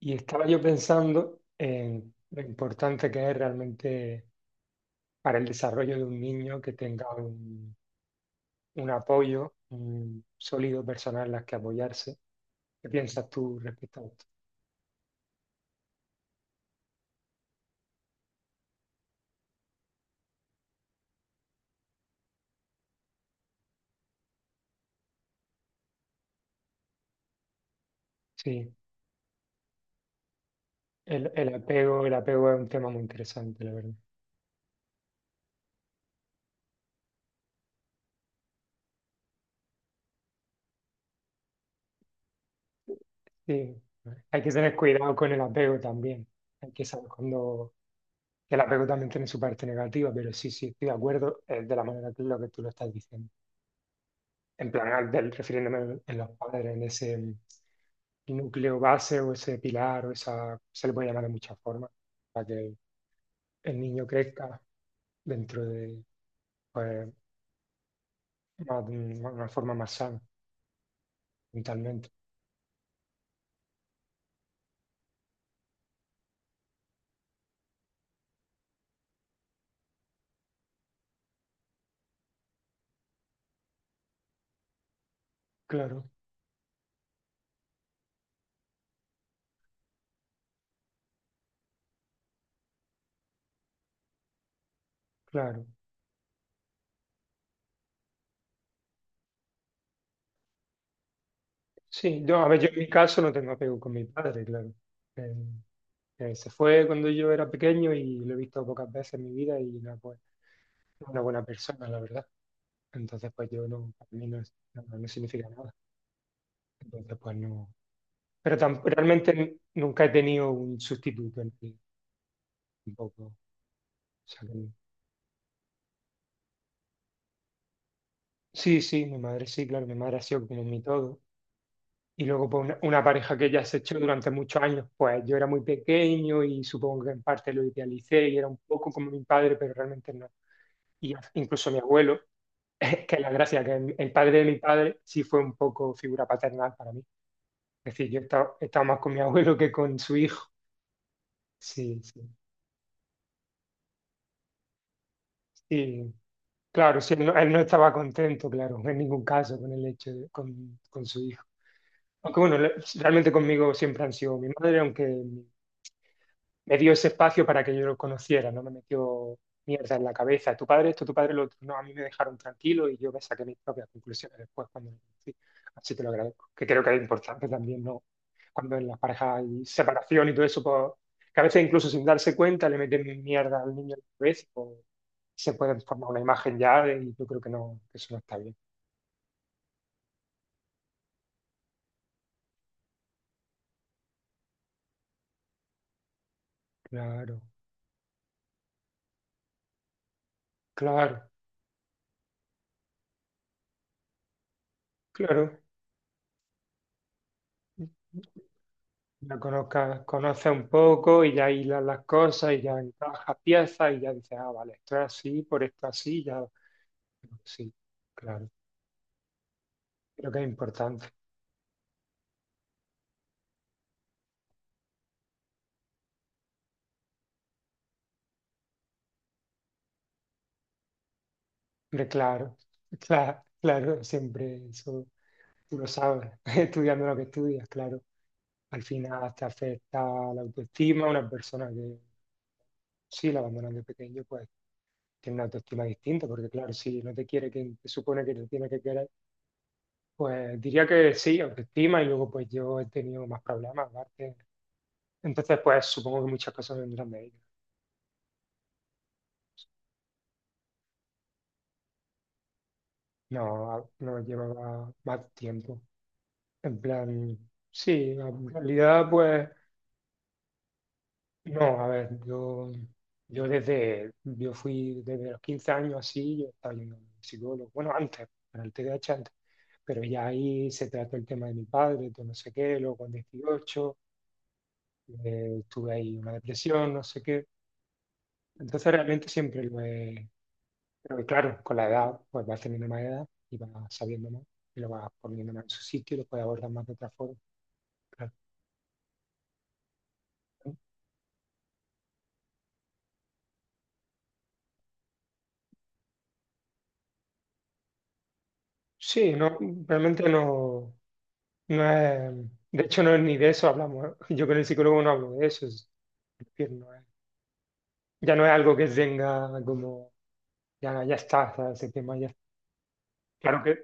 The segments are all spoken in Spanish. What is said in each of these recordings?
Y estaba yo pensando en lo importante que es realmente para el desarrollo de un niño que tenga un apoyo, un sólido personal en las que apoyarse. ¿Qué piensas tú respecto a esto? Sí, el apego es un tema muy interesante, la verdad. Sí, hay que tener cuidado con el apego también. Hay que saber cuando que el apego también tiene su parte negativa, pero sí, sí, estoy de acuerdo de la manera que lo que tú lo estás diciendo. En plan, refiriéndome en los padres en ese núcleo base o ese pilar o esa, se le puede llamar de muchas formas, para que el niño crezca dentro de, pues, una forma más sana mentalmente. Claro, claro. Sí, yo, a ver, yo en mi caso no tengo apego con mi padre, claro. Eh, se fue cuando yo era pequeño y lo he visto pocas veces en mi vida y nada, pues, es una buena persona, la verdad. Entonces, pues yo no, para mí no, no, no significa nada. Entonces, pues no. Pero realmente nunca he tenido un sustituto en mí, tampoco. O sea que- sí, sí, mi madre sí, claro, mi madre ha sido como mi todo. Y luego pues, una pareja que ya se echó durante muchos años, pues yo era muy pequeño y supongo que en parte lo idealicé y era un poco como mi padre, pero realmente no. Y incluso mi abuelo, que es la gracia, que el padre de mi padre sí fue un poco figura paternal para mí. Es decir, he estado más con mi abuelo que con su hijo. Sí, sí. Y claro, sí, él no estaba contento, claro, en ningún caso con el hecho con su hijo. Aunque bueno, realmente conmigo siempre han sido mi madre, aunque me dio ese espacio para que yo lo conociera, no me metió mierda en la cabeza. Tu padre esto, tu padre lo otro. No, a mí me dejaron tranquilo y yo me saqué mis propias conclusiones después cuando lo conocí. Así que lo agradezco, que creo que es importante también, ¿no? Cuando en las parejas hay separación y todo eso, pues, que a veces incluso sin darse cuenta le meten mierda al niño en la cabeza, pues, se puede formar una imagen ya y yo creo que no, que eso no está bien. Claro, claro, claro. La conozcas, conoces un poco y ya hilas las cosas y ya encajas piezas y ya dices, ah, vale, esto es así, por esto así, ya. Sí, claro, creo que es importante. Hombre, claro, claro, claro, siempre eso tú lo sabes, estudiando lo que estudias, claro. Al final te afecta la autoestima, una persona que sí la abandonan de pequeño, pues tiene una autoestima distinta, porque claro, si no te quiere quien te supone que te tiene que querer, pues diría que sí, autoestima, y luego pues yo he tenido más problemas, aparte. Entonces, pues supongo que muchas cosas vendrán de ella. No, no llevaba más tiempo. En plan, sí, en realidad, pues, no, a ver, yo, yo fui desde los 15 años así, yo estaba yendo al psicólogo, bueno, antes, para el TDAH antes, pero ya ahí se trató el tema de mi padre, de no sé qué, luego con 18 tuve ahí una depresión, no sé qué. Entonces, realmente siempre lo he. Pero y claro, con la edad, pues vas teniendo más edad y vas sabiendo más y lo vas poniendo más en su sitio y lo puedes abordar más de otra forma. Claro. Sí, no, realmente no, no es, de hecho no es ni de eso hablamos. ¿Eh? Yo con el psicólogo no hablo de eso, es decir, ya no es algo que tenga como, ya, ya está, ¿sabes? Ese tema ya. Claro que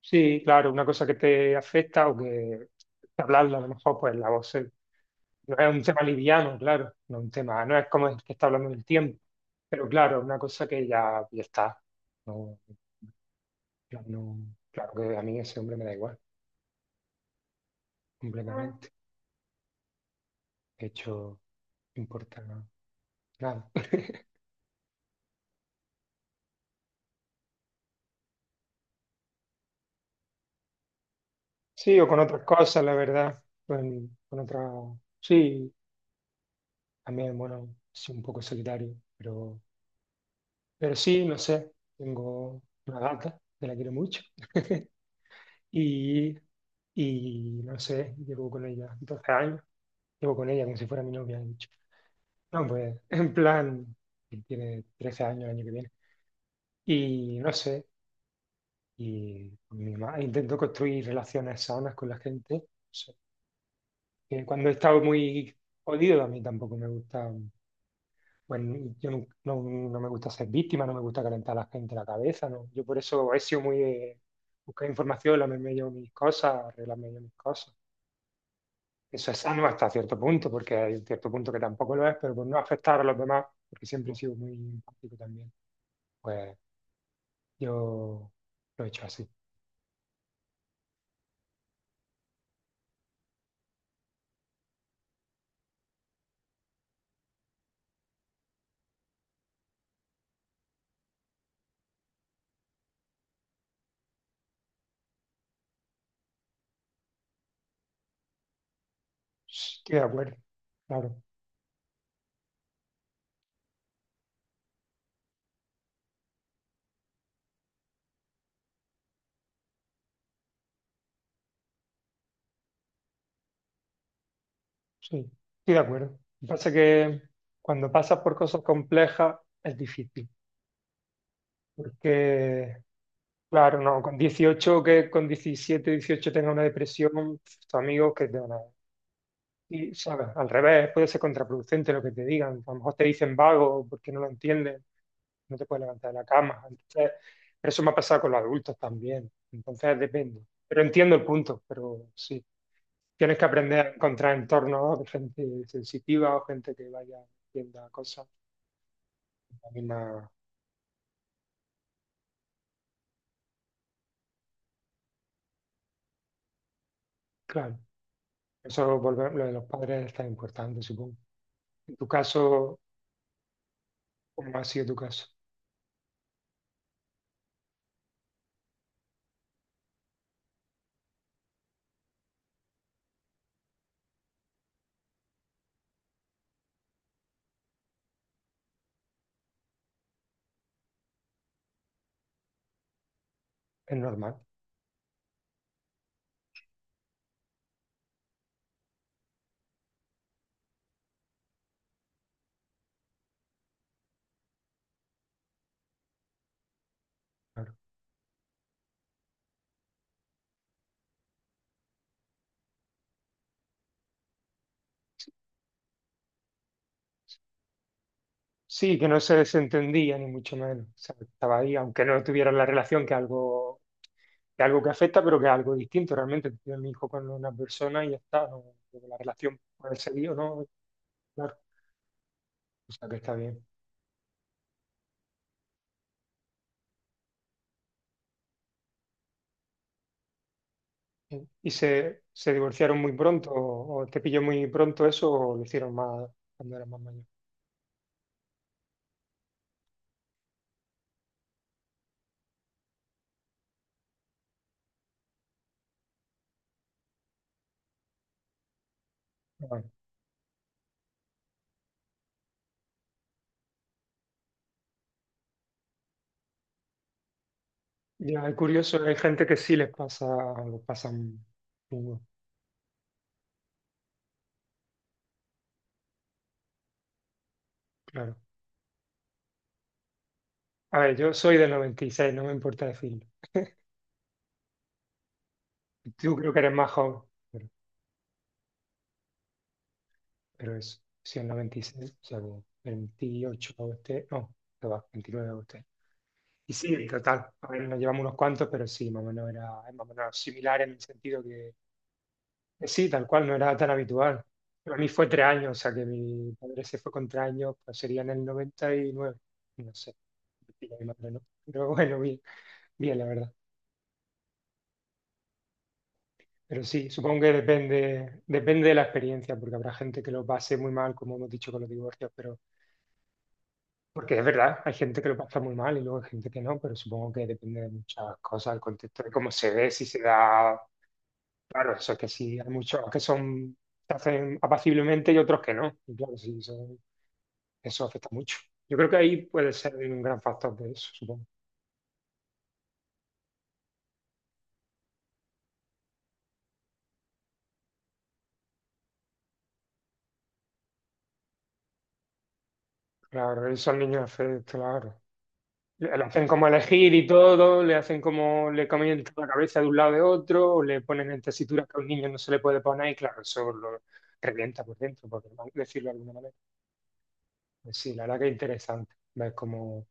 sí, claro, una cosa que te afecta o que hablarla a lo mejor, pues la voz. No es un tema liviano, claro, no es un tema, no es como el que está hablando del tiempo, pero claro, es una cosa que ya, ya está. No, no, claro que a mí ese hombre me da igual, completamente. De hecho, no importa nada. Sí, o con otras cosas, la verdad, con otras, sí, también, bueno, soy un poco solitario, pero sí, no sé, tengo una gata que la quiero mucho. Y, y no sé, llevo con ella 12 años, llevo con ella como si fuera mi novia, de hecho. No, pues, en plan, él tiene 13 años el año que viene. Y no sé, y con mi mamá intento construir relaciones sanas con la gente. No sé, que cuando he estado muy jodido, a mí tampoco me gusta, bueno, yo nu- no, no me gusta ser víctima, no me gusta calentar a la gente la cabeza, ¿no? Yo por eso he sido muy de buscar información, lamerme yo mis cosas, arreglarme yo mis cosas. Eso es sano hasta cierto punto, porque hay cierto punto que tampoco lo es, pero por no afectar a los demás, porque siempre he sido muy empático también. Pues yo lo he hecho así. Estoy de acuerdo, claro, sí, estoy de acuerdo. Lo que pasa es que cuando pasas por cosas complejas es difícil, porque, claro, no, con 18 que con 17 18 tenga una depresión, tus amigos que te van a... Y, ¿sabes? Al revés, puede ser contraproducente lo que te digan. A lo mejor te dicen vago porque no lo entiendes, no te puedes levantar de la cama. Entonces, pero eso me ha pasado con los adultos también, entonces depende. Pero entiendo el punto, pero sí, tienes que aprender a encontrar entornos de gente sensitiva o gente que vaya viendo cosas. La misma- Claro, eso volver, lo de los padres está importante, supongo. En tu caso, ¿cómo ha sido tu caso? Es normal, claro. Sí, que no se desentendía, ni mucho menos. O sea, estaba ahí, aunque no tuvieran la relación, que algo que afecta, pero que es algo distinto. Realmente, tuve mi hijo con una persona y ya está, no, la relación puede seguir o no, claro. O sea, que está bien. ¿Y se divorciaron muy pronto? O te pilló muy pronto eso o lo hicieron más cuando eras más mayor? Ah, ya, es curioso, hay gente que sí les pasa, lo pasan duro, claro. A ver, yo soy del 96, no me importa decirlo. Tú creo que eres más joven, pero, pero eso, sí, el 96, o sea, como 28 a usted, no, que va, 29 a usted. Y sí, en total, a ver, nos llevamos unos cuantos, pero sí, más o menos era, es más o menos similar en el sentido que. Sí, tal cual, no era tan habitual. Pero a mí fue tres años, o sea que mi padre se fue con tres años, pues sería en el 99, no sé, diría mi madre, ¿no? Pero bueno, bien, bien, la verdad. Pero sí, supongo que depende, depende de la experiencia, porque habrá gente que lo pase muy mal, como hemos dicho con los divorcios, pero porque es verdad, hay gente que lo pasa muy mal y luego hay gente que no, pero supongo que depende de muchas cosas, el contexto de cómo se ve, si se da, claro, eso es que sí, hay muchos que son, se hacen apaciblemente y otros que no. Y claro, sí, eso. Eso afecta mucho. Yo creo que ahí puede ser un gran factor de eso, supongo. Claro, esos niños afecta, claro. Le le hacen como elegir y todo, le hacen como le cambian la cabeza de un lado de otro, o le ponen en tesituras que a un niño no se le puede poner, y claro, eso lo revienta por dentro, por decirlo de alguna manera. Pues sí, la verdad que es interesante. Es como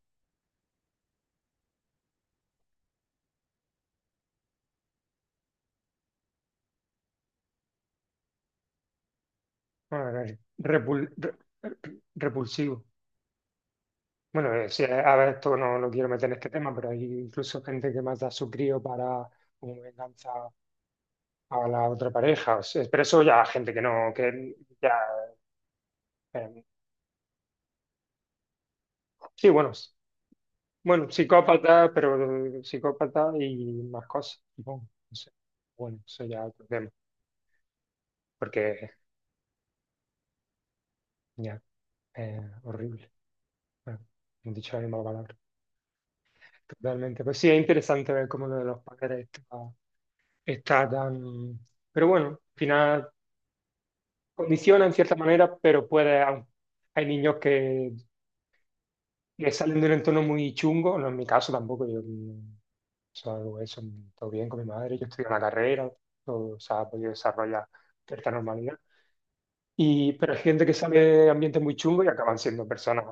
bueno, es repulsivo. Bueno, sí, a ver, esto no lo quiero meter en este tema, pero hay incluso gente que mata a su crío para como venganza a la otra pareja. O sea, pero eso ya gente que no, que ya, eh, sí, bueno, bueno, psicópata, pero psicópata y más cosas, supongo. No sé. Bueno, eso ya otro tema, porque ya, horrible. Bueno, he dicho la misma palabra. Totalmente. Pues sí, es interesante ver cómo lo de los padres está, está tan. Pero bueno, al final condiciona en cierta manera, pero puede. Hay niños que salen de un entorno muy chungo, no en mi caso tampoco, yo todo bien con mi madre, yo estudié una carrera, todo se ha podido desarrollar cierta normalidad. Y, pero hay gente que sale de ambientes muy chungos y acaban siendo personas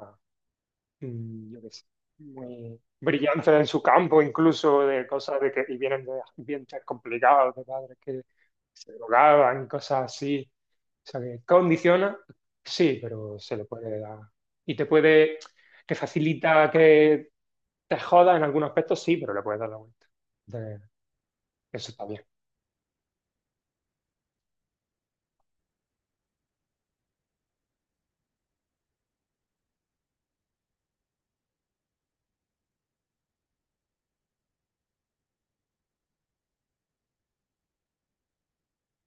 yo qué sé, muy brillantes en su campo, incluso de cosas de que y vienen de ambientes complicados, de padres que se drogaban, y cosas así. O sea, que condiciona, sí, pero se le puede dar. Y te puede, que facilita que te joda en algunos aspectos, sí, pero le puedes dar la vuelta. De- eso está bien.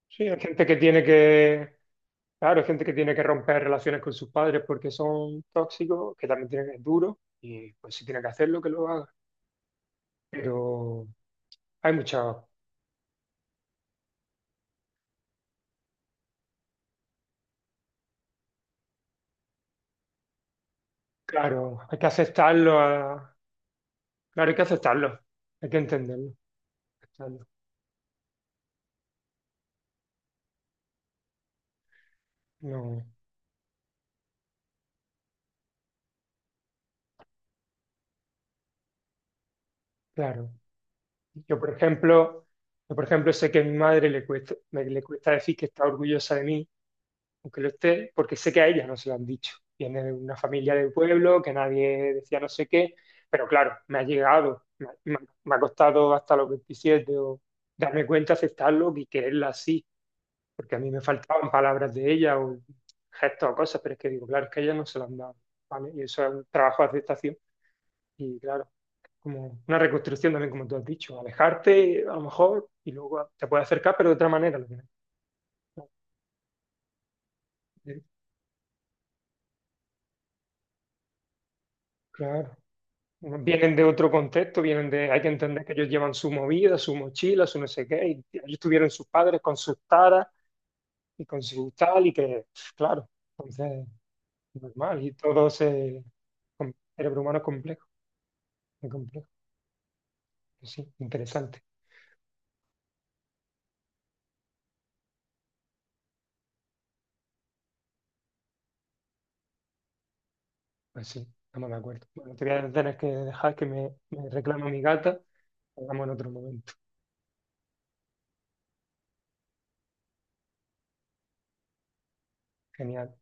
Sí, hay gente que tiene que, claro, hay gente que tiene que romper relaciones con sus padres porque son tóxicos, que también tienen, es duro, y pues si tiene que hacerlo, que lo haga. Pero hay mucho, claro, hay que aceptarlo, claro, hay que aceptarlo, hay que entenderlo, aceptarlo. No, claro. Yo, por ejemplo, yo, por ejemplo, sé que a mi madre le cuesta, le cuesta decir que está orgullosa de mí, aunque lo esté, porque sé que a ella no se lo han dicho. Viene de una familia del pueblo, que nadie decía no sé qué, pero claro, me ha llegado, me ha costado hasta los 27 o darme cuenta, aceptarlo y quererla así porque a mí me faltaban palabras de ella o gestos o cosas, pero es que digo, claro, es que ella no se lo han dado, ¿vale? Y eso es un trabajo de aceptación y claro, como una reconstrucción también, como tú has dicho, alejarte a lo mejor y luego te puedes acercar, pero de otra manera. Lo que- no, eh, Claro, bueno, vienen de otro contexto, vienen de, hay que entender que ellos llevan su movida, su mochila, su no sé qué, y ellos tuvieron sus padres con sus taras y con su tal, y que, claro, entonces, normal, y todo ese cerebro humano es complejo, muy complejo. Pues sí, interesante. Pues sí, estamos de acuerdo. Bueno, te voy a tener que dejar que me reclama mi gata. Hablamos en otro momento. Genial.